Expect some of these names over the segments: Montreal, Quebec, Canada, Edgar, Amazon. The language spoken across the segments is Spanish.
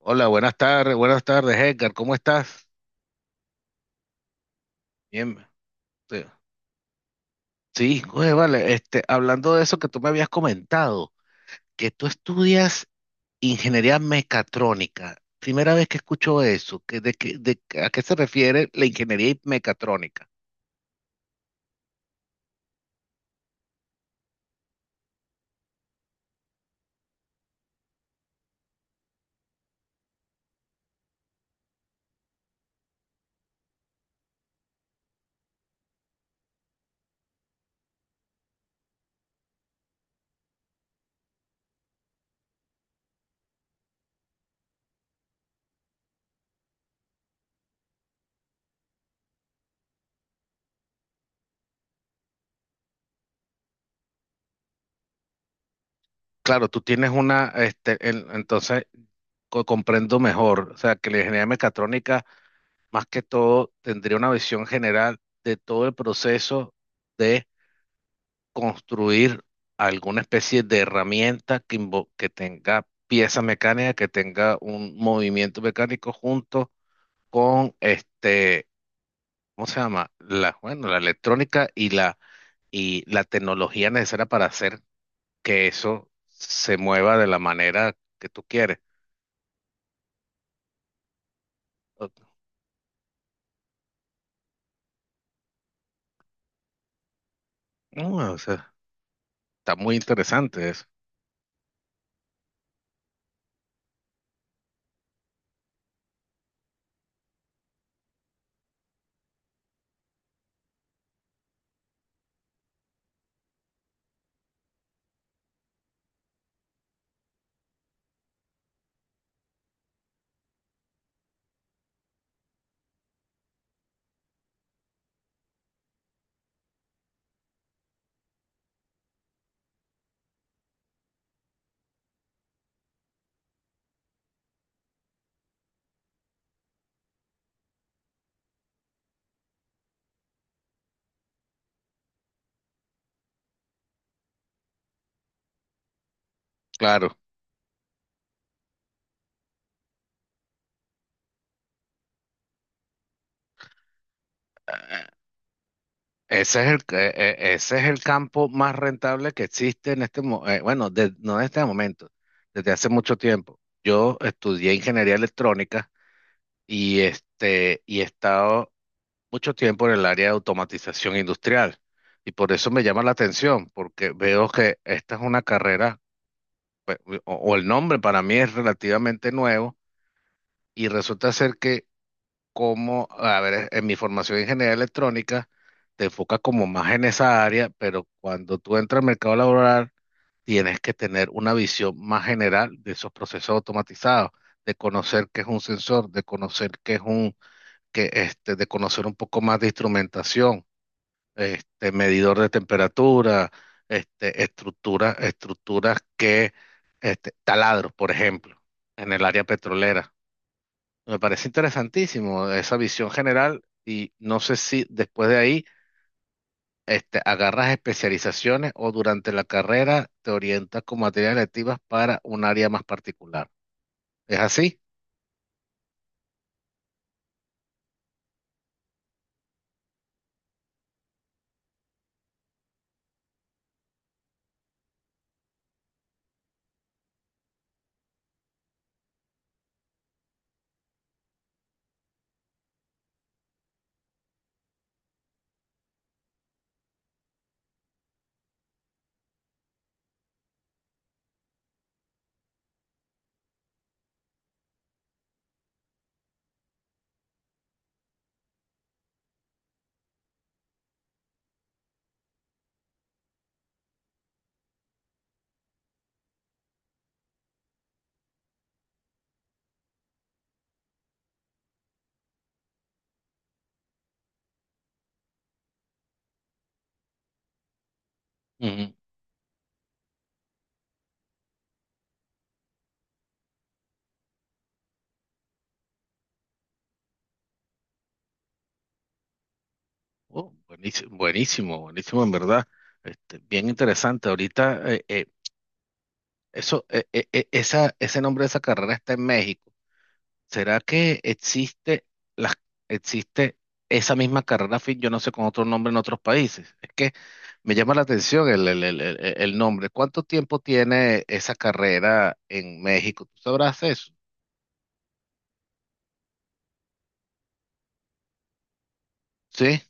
Hola, buenas tardes, Edgar, ¿cómo estás? Bien. Sí, sí, oye, vale, hablando de eso que tú me habías comentado, que tú estudias ingeniería mecatrónica. Primera vez que escucho eso, que, de, qué- ¿a qué se refiere la ingeniería mecatrónica? Claro, tú tienes una, entonces comprendo mejor, o sea, que la ingeniería mecatrónica, más que todo, tendría una visión general de todo el proceso, construir alguna especie de herramienta que, que tenga pieza mecánica, que tenga un movimiento mecánico junto con ¿cómo se llama? La, bueno, la electrónica y la tecnología necesaria para hacer que eso se mueva de la manera que tú quieres. O- no, o sea, está muy interesante eso. Claro. Ese es el campo más rentable que existe en este momento, bueno, no en este momento, desde hace mucho tiempo. Yo estudié ingeniería electrónica y, y he estado mucho tiempo en el área de automatización industrial. Y por eso me llama la atención, porque veo que esta es una carrera, o el nombre para mí es relativamente nuevo, y resulta ser que, como, a ver, en mi formación de ingeniería electrónica, te enfocas como más en esa área, pero cuando tú entras al mercado laboral, tienes que tener una visión más general de esos procesos automatizados, de conocer qué es un sensor, de conocer qué es un, de conocer un poco más de instrumentación, medidor de temperatura, estructuras, estructuras que, taladros, por ejemplo, en el área petrolera. Me parece interesantísimo esa visión general y no sé si después de ahí, agarras especializaciones o durante la carrera te orientas con materias electivas para un área más particular. ¿Es así? Ujú. Oh, buenísimo, buenísimo, buenísimo, en verdad. Este, bien interesante. Ahorita, eso, esa, ese nombre de esa carrera está en México. ¿Será que existe, las existe esa misma carrera fin? Yo no sé con otro nombre en otros países. Es que me llama la atención el nombre. ¿Cuánto tiempo tiene esa carrera en México? ¿Tú sabrás eso? Sí,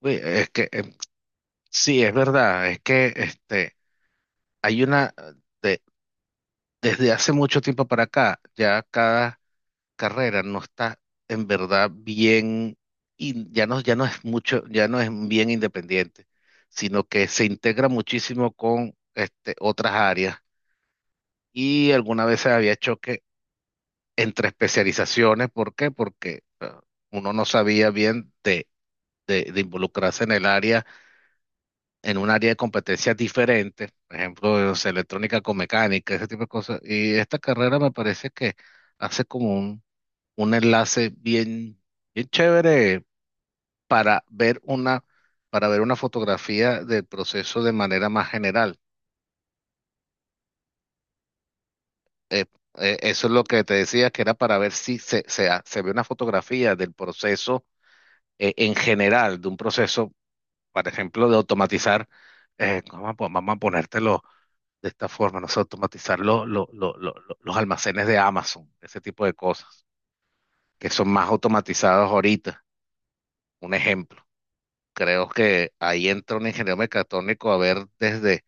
uy, es que sí, es verdad. Es que hay una, de- desde hace mucho tiempo para acá, ya cada carrera no está en verdad bien, y ya no, ya no es mucho, ya no es bien independiente, sino que se integra muchísimo con otras áreas. Y alguna vez había choque entre especializaciones. ¿Por qué? Porque uno no sabía bien de involucrarse en el área, en un área de competencias diferente, por ejemplo, no sé, electrónica con mecánica, ese tipo de cosas. Y esta carrera me parece que hace como un enlace bien, bien chévere para ver una, para ver una fotografía del proceso de manera más general. Eso es lo que te decía, que era para ver si se ve una fotografía del proceso en general, de un proceso, por ejemplo, de automatizar. Vamos a ponértelo de esta forma, no sé, automatizar los almacenes de Amazon, ese tipo de cosas, que son más automatizados ahorita. Un ejemplo. Creo que ahí entra un ingeniero mecatrónico a ver desde,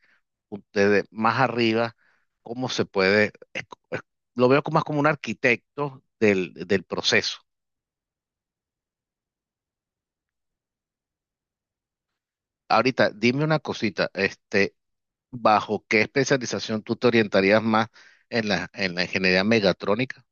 desde más arriba cómo se puede, es- lo veo como más como un arquitecto del, del proceso. Ahorita, dime una cosita, ¿bajo qué especialización tú te orientarías más en la ingeniería megatrónica?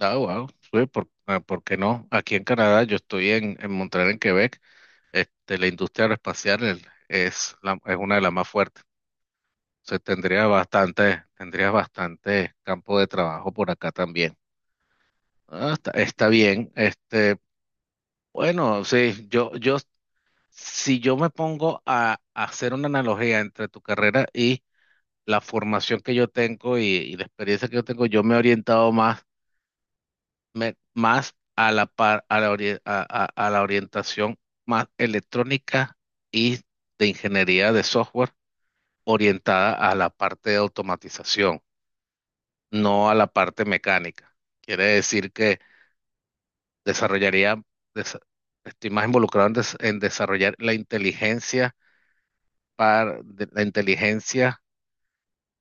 Ah, wow, sí, por, ah, ¿por qué no? Aquí en Canadá, yo estoy en Montreal, en Quebec, la industria aeroespacial es, es una de las más fuertes. Entonces tendría bastante campo de trabajo por acá también. Ah, está, está bien. Este, bueno, sí, yo, si yo me pongo a hacer una analogía entre tu carrera y la formación que yo tengo y la experiencia que yo tengo, yo me he orientado más, más a a la, a la orientación más electrónica y de ingeniería de software orientada a la parte de automatización, no a la parte mecánica. Quiere decir que desarrollaría, desa- estoy más involucrado en, en desarrollar la inteligencia la inteligencia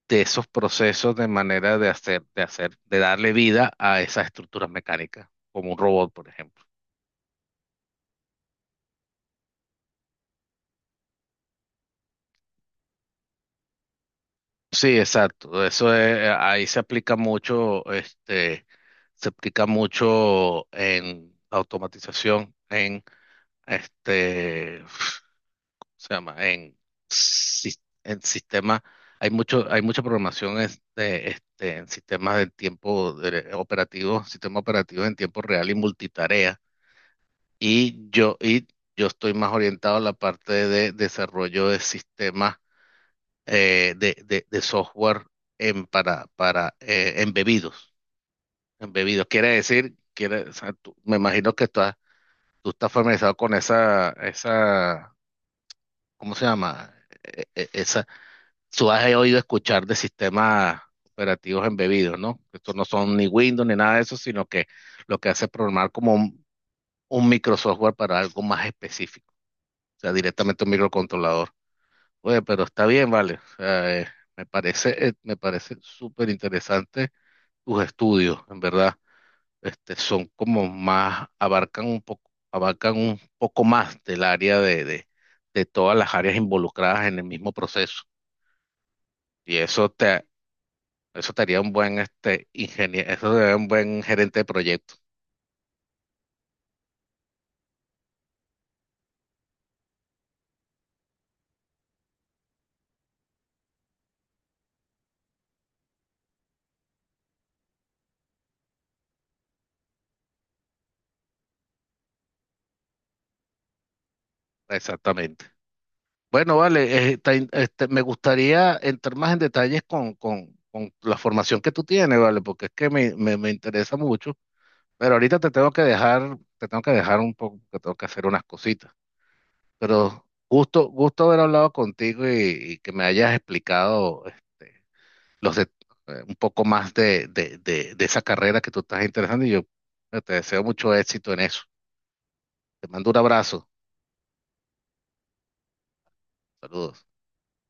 de esos procesos, de manera de hacer, de hacer, de darle vida a esas estructuras mecánicas, como un robot, por ejemplo. Sí, exacto. Ahí se aplica mucho, se aplica mucho en automatización, en este ¿se llama? En, en sistemas, hay mucho, hay mucha programación en sistemas de operativo, sistema operativo en tiempo real y multitarea. Y yo estoy más orientado a la parte de desarrollo de sistemas de software en, para embebidos. Embebidos quiere decir, quiere, o sea, me imagino que estás, tú estás familiarizado con esa, esa, ¿cómo se llama? Tú has oído escuchar de sistemas operativos embebidos, ¿no? Estos no son ni Windows ni nada de eso, sino que lo que hace es programar como un microsoftware para algo más específico, o sea, directamente un microcontrolador. Oye, pero está bien, vale. O sea, me parece súper interesante tus estudios, en verdad. Este, son como más, abarcan un poco más del área de todas las áreas involucradas en el mismo proceso. Y eso te, eso te haría un buen este ingeniero, eso sería un buen gerente de proyecto. Exactamente. Bueno, vale, este, me gustaría entrar más en detalles con la formación que tú tienes, vale, porque es que me interesa mucho. Pero ahorita te tengo que dejar, te tengo que dejar un poco, que tengo que hacer unas cositas. Pero gusto, gusto haber hablado contigo y que me hayas explicado los de- un poco más de esa carrera que tú estás interesando y yo, te deseo mucho éxito en eso. Te mando un abrazo. Saludos.